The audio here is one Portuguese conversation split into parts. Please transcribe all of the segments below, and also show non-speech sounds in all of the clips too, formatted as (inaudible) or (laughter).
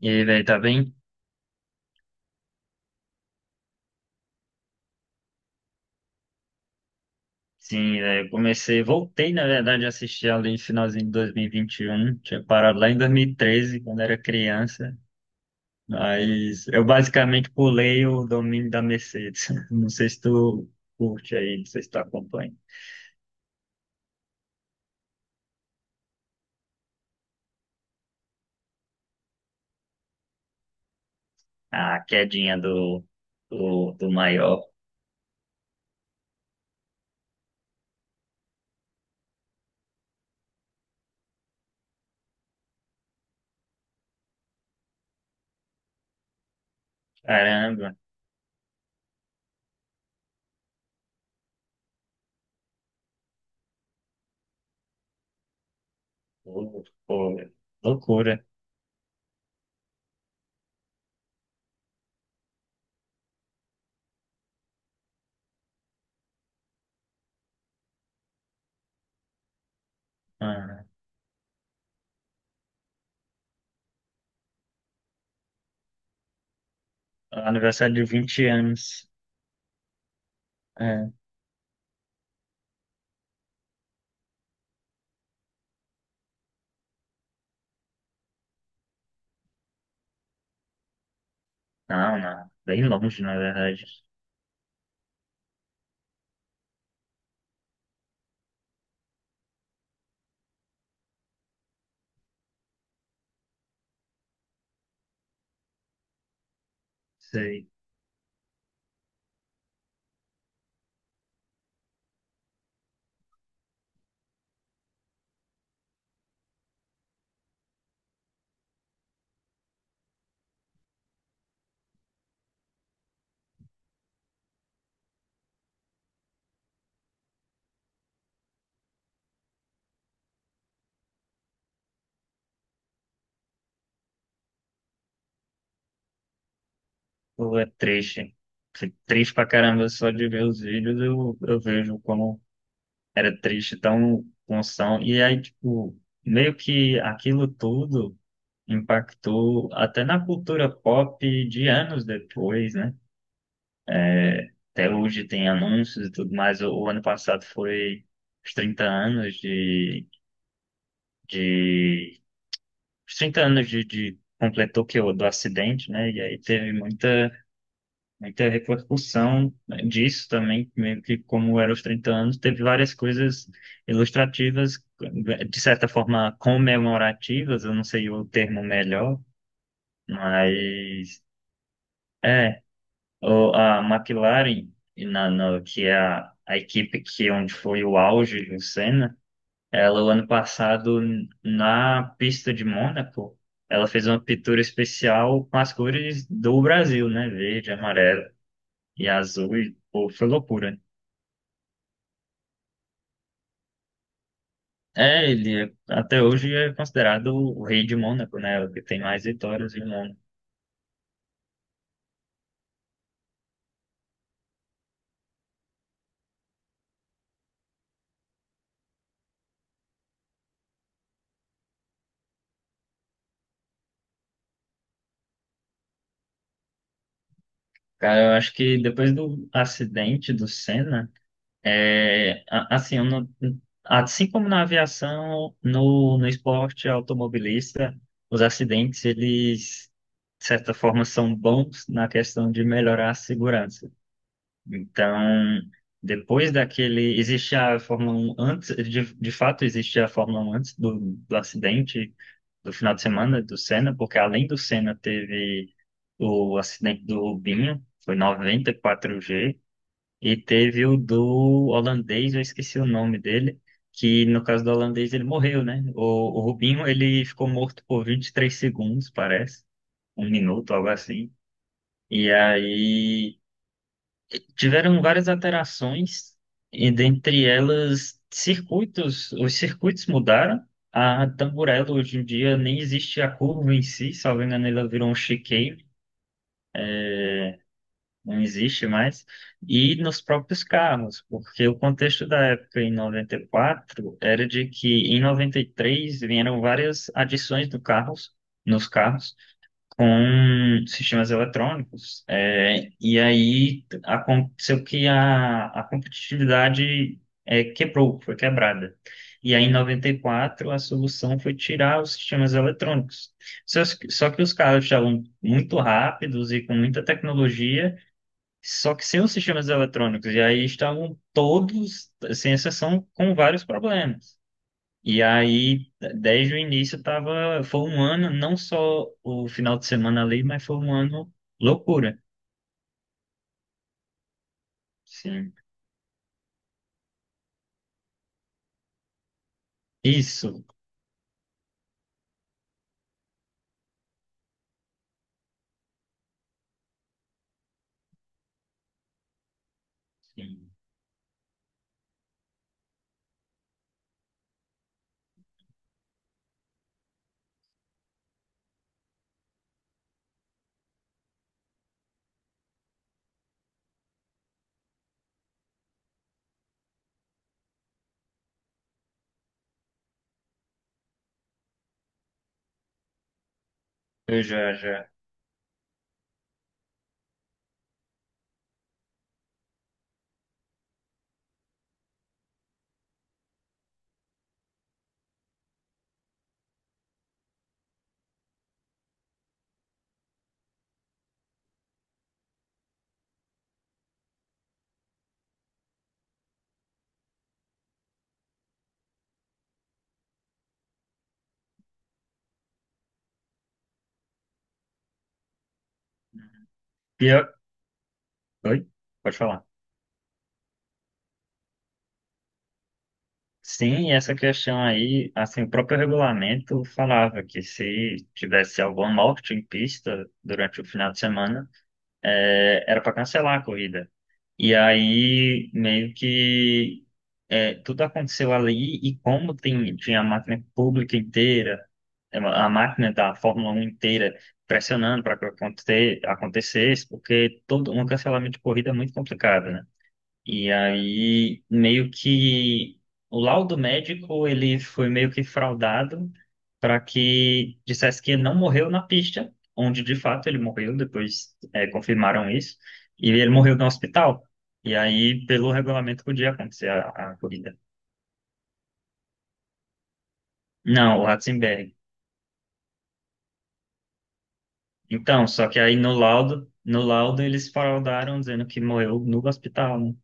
E aí, velho, tá bem? Sim, velho, eu comecei, voltei, na verdade, a assistir ali no finalzinho de 2021. Tinha parado lá em 2013, quando era criança. Mas eu basicamente pulei o domínio da Mercedes. (laughs) Não sei se tu curte aí, não sei se tu acompanha. A quedinha do maior. Caramba, pô, pô, loucura. Ah, aniversário de 20 anos. É. Não, não, bem longe, na verdade. Sei. Pô, é triste. Fico triste pra caramba só de ver os vídeos. Eu vejo como era triste, tão função. E aí, tipo, meio que aquilo tudo impactou até na cultura pop de anos depois, né? Até hoje tem anúncios e tudo mais. O ano passado foi os 30 anos de, os 30 anos de completou que o do acidente, né? E aí teve muita. Aí teve a repercussão, né, disso também, meio que como era os 30 anos, teve várias coisas ilustrativas, de certa forma comemorativas, eu não sei o termo melhor, mas é, a McLaren, e na, no- que é a equipe que onde foi o auge do Senna, ela o ano passado na pista de Mônaco, ela fez uma pintura especial com as cores do Brasil, né? Verde, amarelo e azul, e pô, foi loucura. É, até hoje é considerado o rei de Mônaco, né? O que tem mais vitórias em Mônaco. Cara, eu acho que depois do acidente do Senna, é, a- assim, eu não- assim como na aviação, no esporte automobilista, os acidentes, eles, de certa forma, são bons na questão de melhorar a segurança. Então, depois daquele, existia a Fórmula 1 antes, de fato existia a Fórmula 1 antes do acidente, do final de semana do Senna, porque além do Senna teve o acidente do Rubinho, foi 94 g e teve o do holandês, eu esqueci o nome dele, que no caso do holandês ele morreu, né? O Rubinho ele ficou morto por 23 segundos, parece, 1 minuto, algo assim. E aí tiveram várias alterações, e dentre elas, circuitos, os circuitos mudaram. A Tamburello hoje em dia nem existe a curva em si, salvo engano, ela virou um chicane, não existe mais. E nos próprios carros, porque o contexto da época em 94 era de que em 93 vieram várias adições do carros, nos carros com sistemas eletrônicos. E aí aconteceu que a competitividade quebrou, foi quebrada. E aí, em 94 a solução foi tirar os sistemas eletrônicos. Só, só que os carros estavam muito rápidos e com muita tecnologia, só que sem os sistemas eletrônicos. E aí estavam todos, sem exceção, com vários problemas. E aí, desde o início, tava, foi um ano, não só o final de semana ali, mas foi um ano loucura. Sim. Isso. Sim. Eu já, já. Pior... Oi? Pode falar. Sim, e essa questão aí, assim, o próprio regulamento falava que se tivesse alguma morte em pista durante o final de semana, era para cancelar a corrida. E aí, meio que tudo aconteceu ali, e como tem, tinha a máquina pública inteira, a máquina da Fórmula Um inteira pressionando para acontecer acontecesse, porque todo um cancelamento de corrida é muito complicado, né? E aí, meio que o laudo médico ele foi meio que fraudado para que dissesse que ele não morreu na pista, onde de fato ele morreu, depois confirmaram isso, e ele morreu no hospital. E aí, pelo regulamento, podia acontecer a corrida. Não, o Ratzenberger. Então, só que aí no laudo eles faroldaram dizendo que morreu no hospital, né?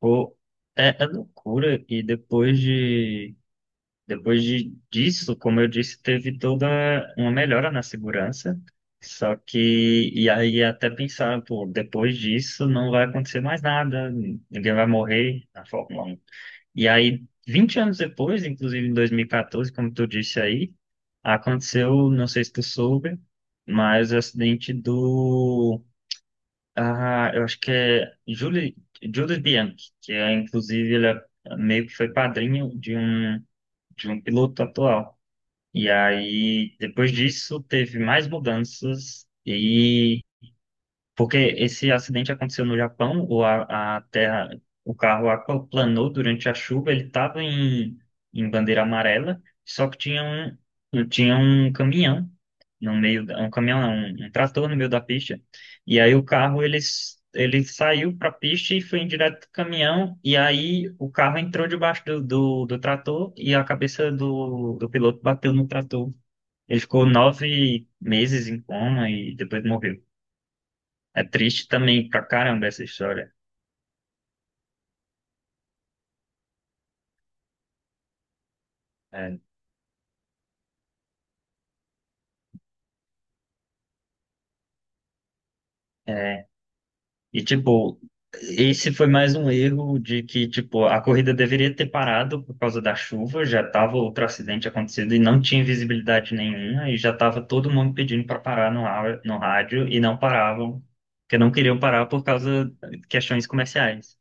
Pô, é loucura. E depois de, disso, como eu disse, teve toda uma melhora na segurança. Só que, e aí até pensar, pô, depois disso não vai acontecer mais nada, ninguém vai morrer na Fórmula 1. E aí, 20 anos depois, inclusive em 2014, como tu disse aí, aconteceu, não sei se tu soube, mas o acidente do. Ah, eu acho que é Julie Bianchi, que é, inclusive, meio que foi padrinho de um piloto atual. E aí, depois disso, teve mais mudanças e porque esse acidente aconteceu no Japão, ou a terra, o carro aquaplanou durante a chuva, ele estava em bandeira amarela, só que tinha um caminhão no meio, um caminhão não, um trator no meio da pista, e aí o carro, ele saiu para a pista e foi em direto do caminhão, e aí o carro entrou debaixo do trator e a cabeça do piloto bateu no trator. Ele ficou 9 meses em coma e depois morreu. É triste também pra caramba essa história. É, é. E, tipo, esse foi mais um erro de que, tipo, a corrida deveria ter parado por causa da chuva, já tava outro acidente acontecendo e não tinha visibilidade nenhuma, e já tava todo mundo pedindo para parar no rádio e não paravam, porque não queriam parar por causa de questões comerciais.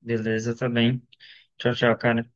Beleza, tá bem. Tchau, tchau, cara.